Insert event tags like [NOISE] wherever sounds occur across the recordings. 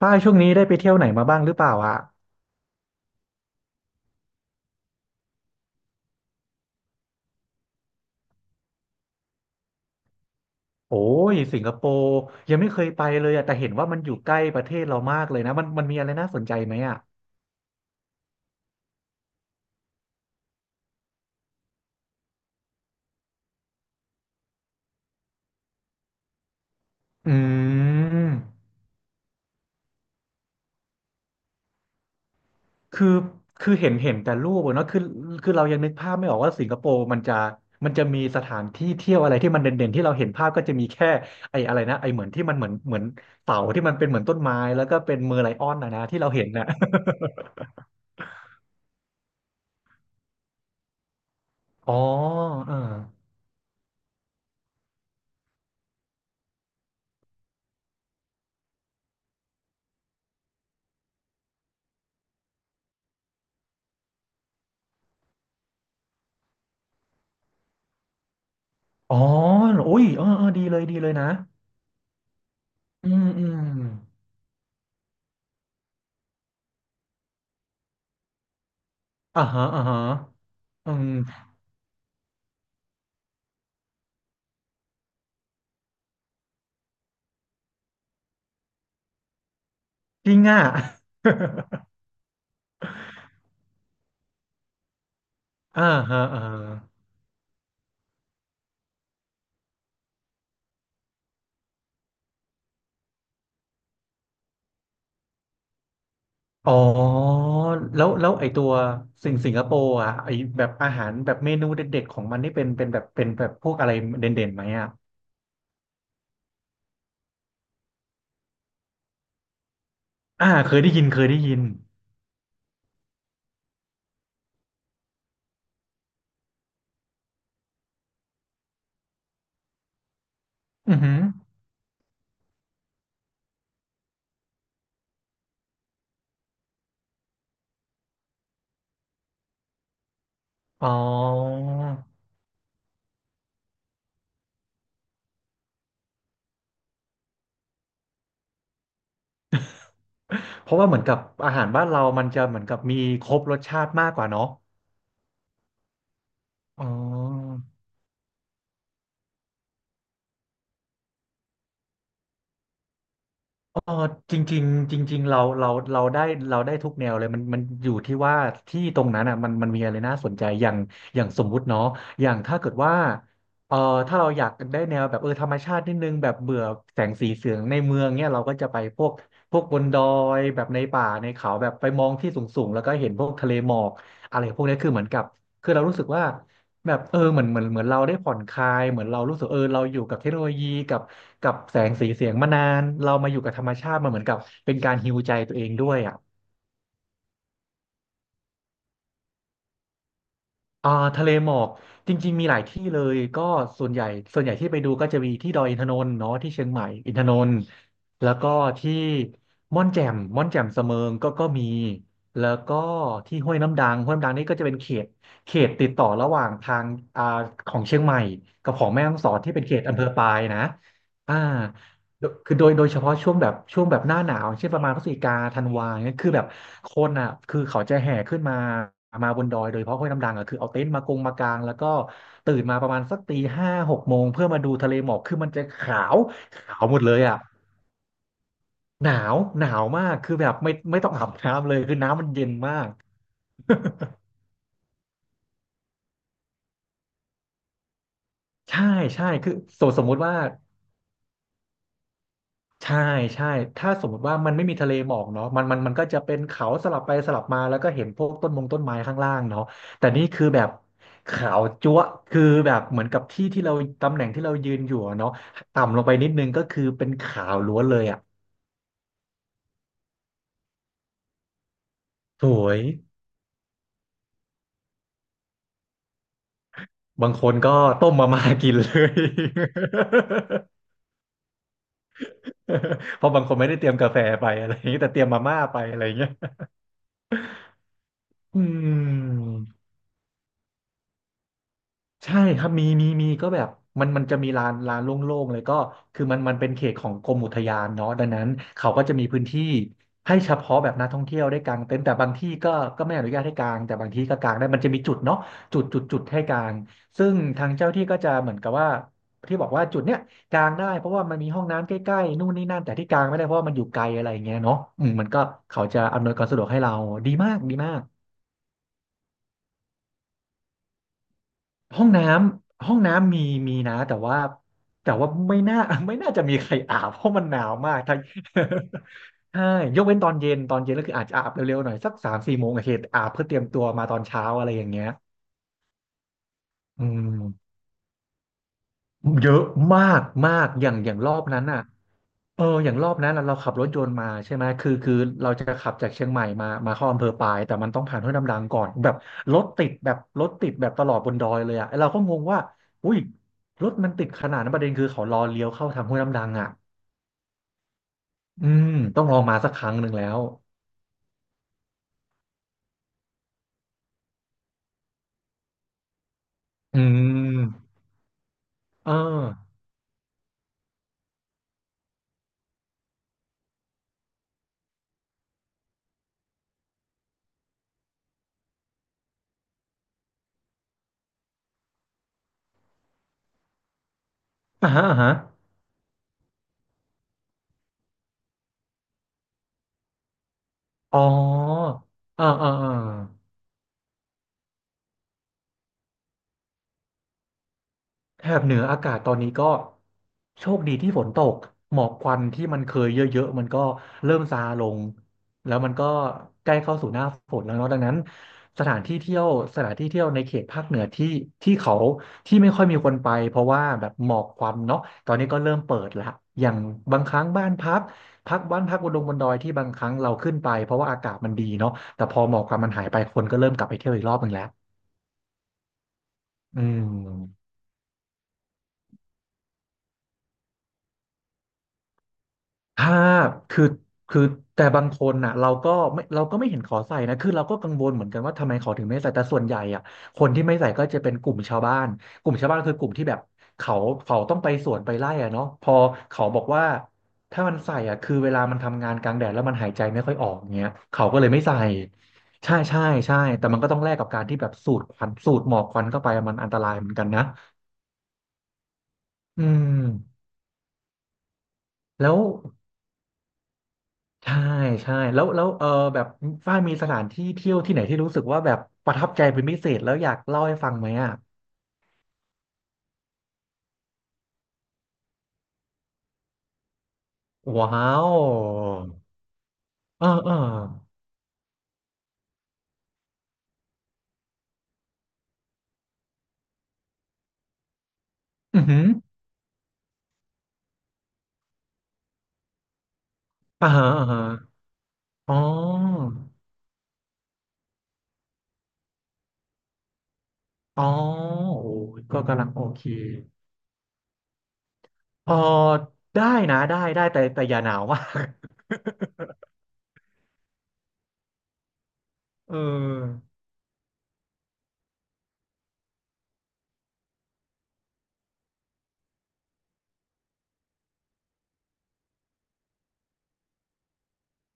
ป้ายช่วงนี้ได้ไปเที่ยวไหนมาบ้างหรือเปล่าอ่ะโอ้ยสิงคโปร์ยังไม่เคยไปเลยอ่ะแต่เห็นว่ามันอยู่ใกล้ประเทศเรามากเลยนะมันมีอะไรน่าสนใจไหมอ่ะอืมคือคือเห็นแต่รูปอะเนาะคือเรายังนึกภาพไม่ออกว่าสิงคโปร์มันจะมีสถานที่เที่ยวอะไรที่มันเด่นๆที่เราเห็นภาพก็จะมีแค่ไอ้อะไรนะไอ้เหมือนที่มันเหมือนเสาที่มันเป็นเหมือนต้นไม้แล้วก็เป็นเมอร์ไลออนนะที่เราเห็นน่ะ [LAUGHS] อ๋อเอออ๋อโอ้ยเออเออดีเลยดีเลยนะ อืมอืมอ่าฮะอ่าฮะอืมจริงอ่ะ [LAUGHS] อ่าฮะอ่าฮะอ๋อแล้วไอตัวสิงคโปร์อ่ะไอแบบอาหารแบบเมนูเด็ดๆของมันนี่เป็นแบบเป็นแบบพวกอะไรเด่นๆไหมอ่ะอ่าเคยได้ยินเคยได้ยินอือหืออ๋อเพราะว่าเหมือนกับอาหารบ้านเรามันจะเหมือนกับมีครบรสชาติมากกว่าเนาะอ๋อ เออจริงๆจริงๆเราได้เราได้ทุกแนวเลยมันอยู่ที่ว่าที่ตรงนั้นอ่ะมันมีอะไรน่าสนใจอย่างสมมุติเนาะอย่างถ้าเกิดว่าเออถ้าเราอยากได้แนวแบบธรรมชาตินิดนึงแบบเบื่อแสงสีเสียงในเมืองเนี่ยเราก็จะไปพวกบนดอยแบบในป่าในเขาแบบไปมองที่สูงๆแล้วก็เห็นพวกทะเลหมอกอะไรพวกนี้คือเหมือนกับคือเรารู้สึกว่า แบบเหมือนเราได้ผ่อนคลายเหมือนเรารู้สึกเราอยู่กับเทคโนโลยีกับแสงสีเสียงมานานเรามาอยู่กับธรรมชาติมันเหมือนกับเป็นการฮีลใจตัวเองด้วยอ่ะ อ่าทะเลหมอกจริงๆมีหลายที่เลยก็ส่วนใหญ่ที่ไปดูก็จะมีที่ดอยอินทนนท์เนาะที่เชียงใหม่อินทนนท์แล้วก็ที่ม่อนแจ่มเสมิงก็ก็มีแล้วก็ที่ห้วยน้ำดังนี่ก็จะเป็นเขตติดต่อระหว่างทางอ่าของเชียงใหม่กับของแม่ฮ่องสอนที่เป็นเขตอำเภอปายนะอ่า โดยคือโดยเฉพาะช่วงแบบหน้าหนาวเช่นประมาณพฤศจิกาธันวาเนี่ยคือแบบคนอ่ะคือเขาจะแห่ขึ้นมาบนดอยโดยเฉพาะห้วยน้ำดังอ่ะคือเอาเต็นท์มากงมากางแล้วก็ตื่นมาประมาณสักตีห้าหกโมงเพื่อมาดูทะเลหมอกคือมันจะขาวหมดเลยอ่ะหนาวมากคือแบบไม่ต้องอาบน้ำเลยคือน้ำมันเย็นมากใช่ใช่คือสมมติว่า ใช่ใช่ถ้าสมมติว่ามันไม่มีทะเลหมอกเนาะมันก็จะเป็นเขาสลับไปสลับมาแล้วก็เห็นพวกต้นไม้ข้างล่างเนาะแต่นี่คือแบบขาวจั๊วะคือแบบเหมือนกับที่เราตำแหน่งที่เรายืนอยู่อะเนาะต่ำลงไปนิดนึงก็คือเป็นขาวล้วนเลยอ่ะสวยบางคนก็ต้มมาม่ากินเลย [LAUGHS] เพราะบางคนไม่ได้เตรียมกาแฟไปอะไรอย่างนี้แต่เตรียมมาม่าไปอะไรอย่างเงี้ยอืม ใช่ครับมีก็แบบมันจะมีลานโล่งๆเลยก็คือมันเป็นเขตของกรมอุทยานเนาะดังนั้นเขาก็จะมีพื้นที่ให้เฉพาะแบบนักท่องเที่ยวได้กางเต็นท์แต่บางที่ก็ไม่อนุญาตให้กางแต่บางที่ก็กางได้มันจะมีจุดเนาะจุดให้กางซึ่งทางเจ้าที่ก็จะเหมือนกับว่าที่บอกว่าจุดเนี้ยกางได้เพราะว่ามันมีห้องน้ำใกล้ๆนู่นนี่นั่นแต่ที่กางไม่ได้เพราะว่ามันอยู่ไกลอะไรอย่างเงี้ยเนาะอืมมันก็เขาจะอำนวยความสะดวกให้เราดีมากดีมาก ห้องน้ำมีนะแต่ว่าไม่น่า [LAUGHS] ไม่น่าจะมีใครอาบเพราะมันหนาวมากทั้ง [LAUGHS] ใช่ยกเว้นตอนเย็นก็คืออาจจะอาบเร็วๆหน่อยสักสามสี่โมงโอเคอาบเพื่อเตรียมตัวมาตอนเช้าอะไรอย่างเงี้ยอืมเยอะมากมากอย่างรอบนั้นอ่ะ เอออย่างรอบนั้นเราขับรถยนต์มาใช่ไหมคือเราจะขับจากเชียงใหม่มาเข้าอำเภอปายแต่มันต้องผ่านห้วยน้ำดังก่อนแบบรถติดแบบรถติดแบบตลอดบนดอยเลยอ่ะเราก็งงว่าอุ้ยรถมันติดขนาดนั้นประเด็นคือเขารอเลี้ยวเข้าทางห้วยน้ำดังอ่ะอืมต้องลองมาสักครั้งหนึ่งแล้วอืมเอออ่าฮะอ่าฮะอ๋อเออเออ แถบเหนืออากาศตอนนี้ก็โชคดีที่ฝนตกหมอกควันที่มันเคยเยอะๆมันก็เริ่มซาลงแล้วมันก็ใกล้เข้าสู่หน้าฝนแล้วเนาะดังนั้นสถานที่เที่ยวสถานที่เที่ยวในเขตภาคเหนือที่เขาที่ไม่ค่อยมีคนไปเพราะว่าแบบหมอกควันเนาะตอนนี้ก็เริ่มเปิดละอย่างบางครั้งบ้านพักบนดงบนดอยที่บางครั้งเราขึ้นไปเพราะว่าอากาศมันดีเนาะแต่พอหมอกควันมันหายไปคนก็เริ่มกลับไปเที่ยวอีกรอบหนึ่งแล้วอืม ถ้าคือคือแต่บางคนน่ะเราก็ไม่เห็นขอใส่นะคือเราก็กังวลเหมือนกันว่าทำไมเขาถึงไม่ใส่แต่ส่วนใหญ่อ่ะคนที่ไม่ใส่ก็จะเป็นกลุ่มชาวบ้านกลุ่มชาวบ้านคือกลุ่มที่แบบเขาเขาต้องไปสวนไปไร่อ่ะเนาะพอเขาบอกว่าถ้ามันใส่อ่ะคือเวลามันทำงานกลางแดดแล้วมันหายใจไม่ค่อยออกเงี้ยเขาก็เลยไม่ใส่ใช่ใช่ใช่แต่มันก็ต้องแลกกับการที่แบบสูดควันสูดหมอกควันเข้าไปมันอันตรายเหมือนกันนะอืมแล้ว ใช่ใช่แล้วแล้วเออแบบฝ้ายมีสถานที่เที่ยวที่ไหนที่รู้สึกว่าแบบประทับใจเป็นพิเศษแล้วอยากเล่าให้ฟังไหมอ่ะว้าวเออเอออือหืออ่าฮะอ่าฮะอ๋ออ๋อโอ้ยก็กำลังโอเคเออได้นะได้ได้แต่แต่อย่าหนาวมาก [LAUGHS] เออ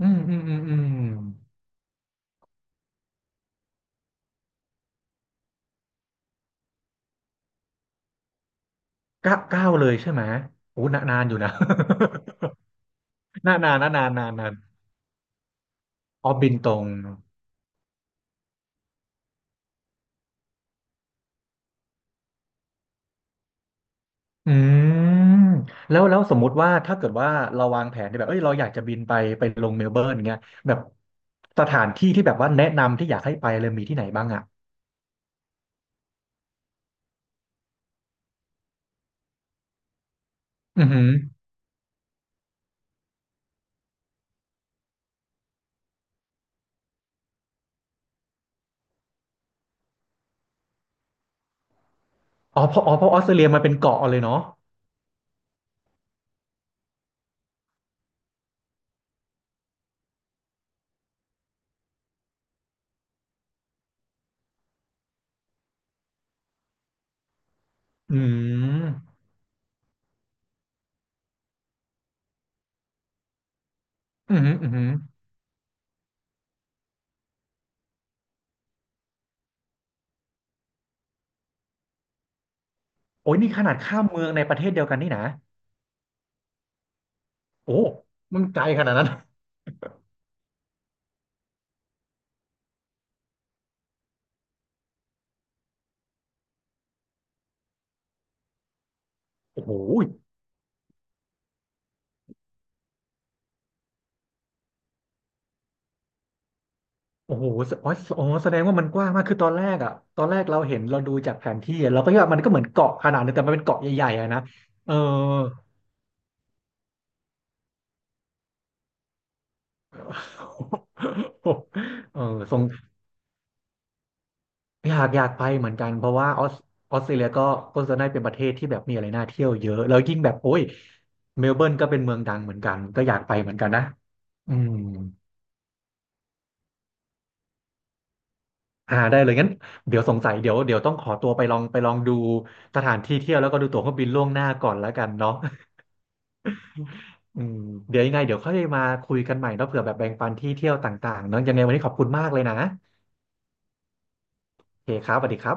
อืมอืมอืมอืมเก้าเลยใช่ไหมโอ้นานนอยู่นะ [LAUGHS] นานนานนะนานนานนานอ๋อบินตรง อืมแล้วแล้วสมมุติว่าถ้าเกิดว่าเราวางแผนทน่แบบเอ้ยเราอยากจะบินไปไปลงเมลเบิร์นเงี้ยแบบสถานที่ที่แบบว่าแนะนำที่อยากให้ไปเลยมีที่ไหนบ้างอ่ะอือหืออ๋อเพราะออสเตรเลียมันเป็นเกาะเลยเนาะอืมอือหืออือหือโอ้ยนี่ขนาดข้ามเมืองในประเทศเดียวกันนี่นะโอ้มันไกลขนาดนั้น [LAUGHS] โอ้โหโอ้โหแสดงว่ามันกว้างมากคือตอนแรกเราเห็นเราดูจากแผนที่อะเราก็คิดว่ามันก็เหมือนเกาะขนาดนึงแต่มันเป็นเกาะใหญ่ๆอะนะเออ [LAUGHS] เออทรงอยากไปเหมือนกันเพราะว่าออสเตรเลียก็ก็จะได้เป็นประเทศที่แบบมีอะไรน่าเที่ยวเยอะแล้วยิ่งแบบโอ้ยเมลเบิร์นก็เป็นเมืองดังเหมือนกันก็อยากไปเหมือนกันนะอืมอ่าได้เลยงั้นเดี๋ยวสงสัยเดี๋ยวเดี๋ยวต้องขอตัวไปลองดูสถานที่เที่ยวแล้วก็ดูตั๋วเครื่องบินล่วงหน้าก่อนแล้วกันเนาะอืมเดี๋ยวยังไงเดี๋ยวค่อยมาคุยกันใหม่เนาะเผื่อแบบแบ่งปันที่เที่ยวต่างๆเนาะยังไงวันนี้ขอบคุณมากเลยนะโอเคครับสวัสดีครับ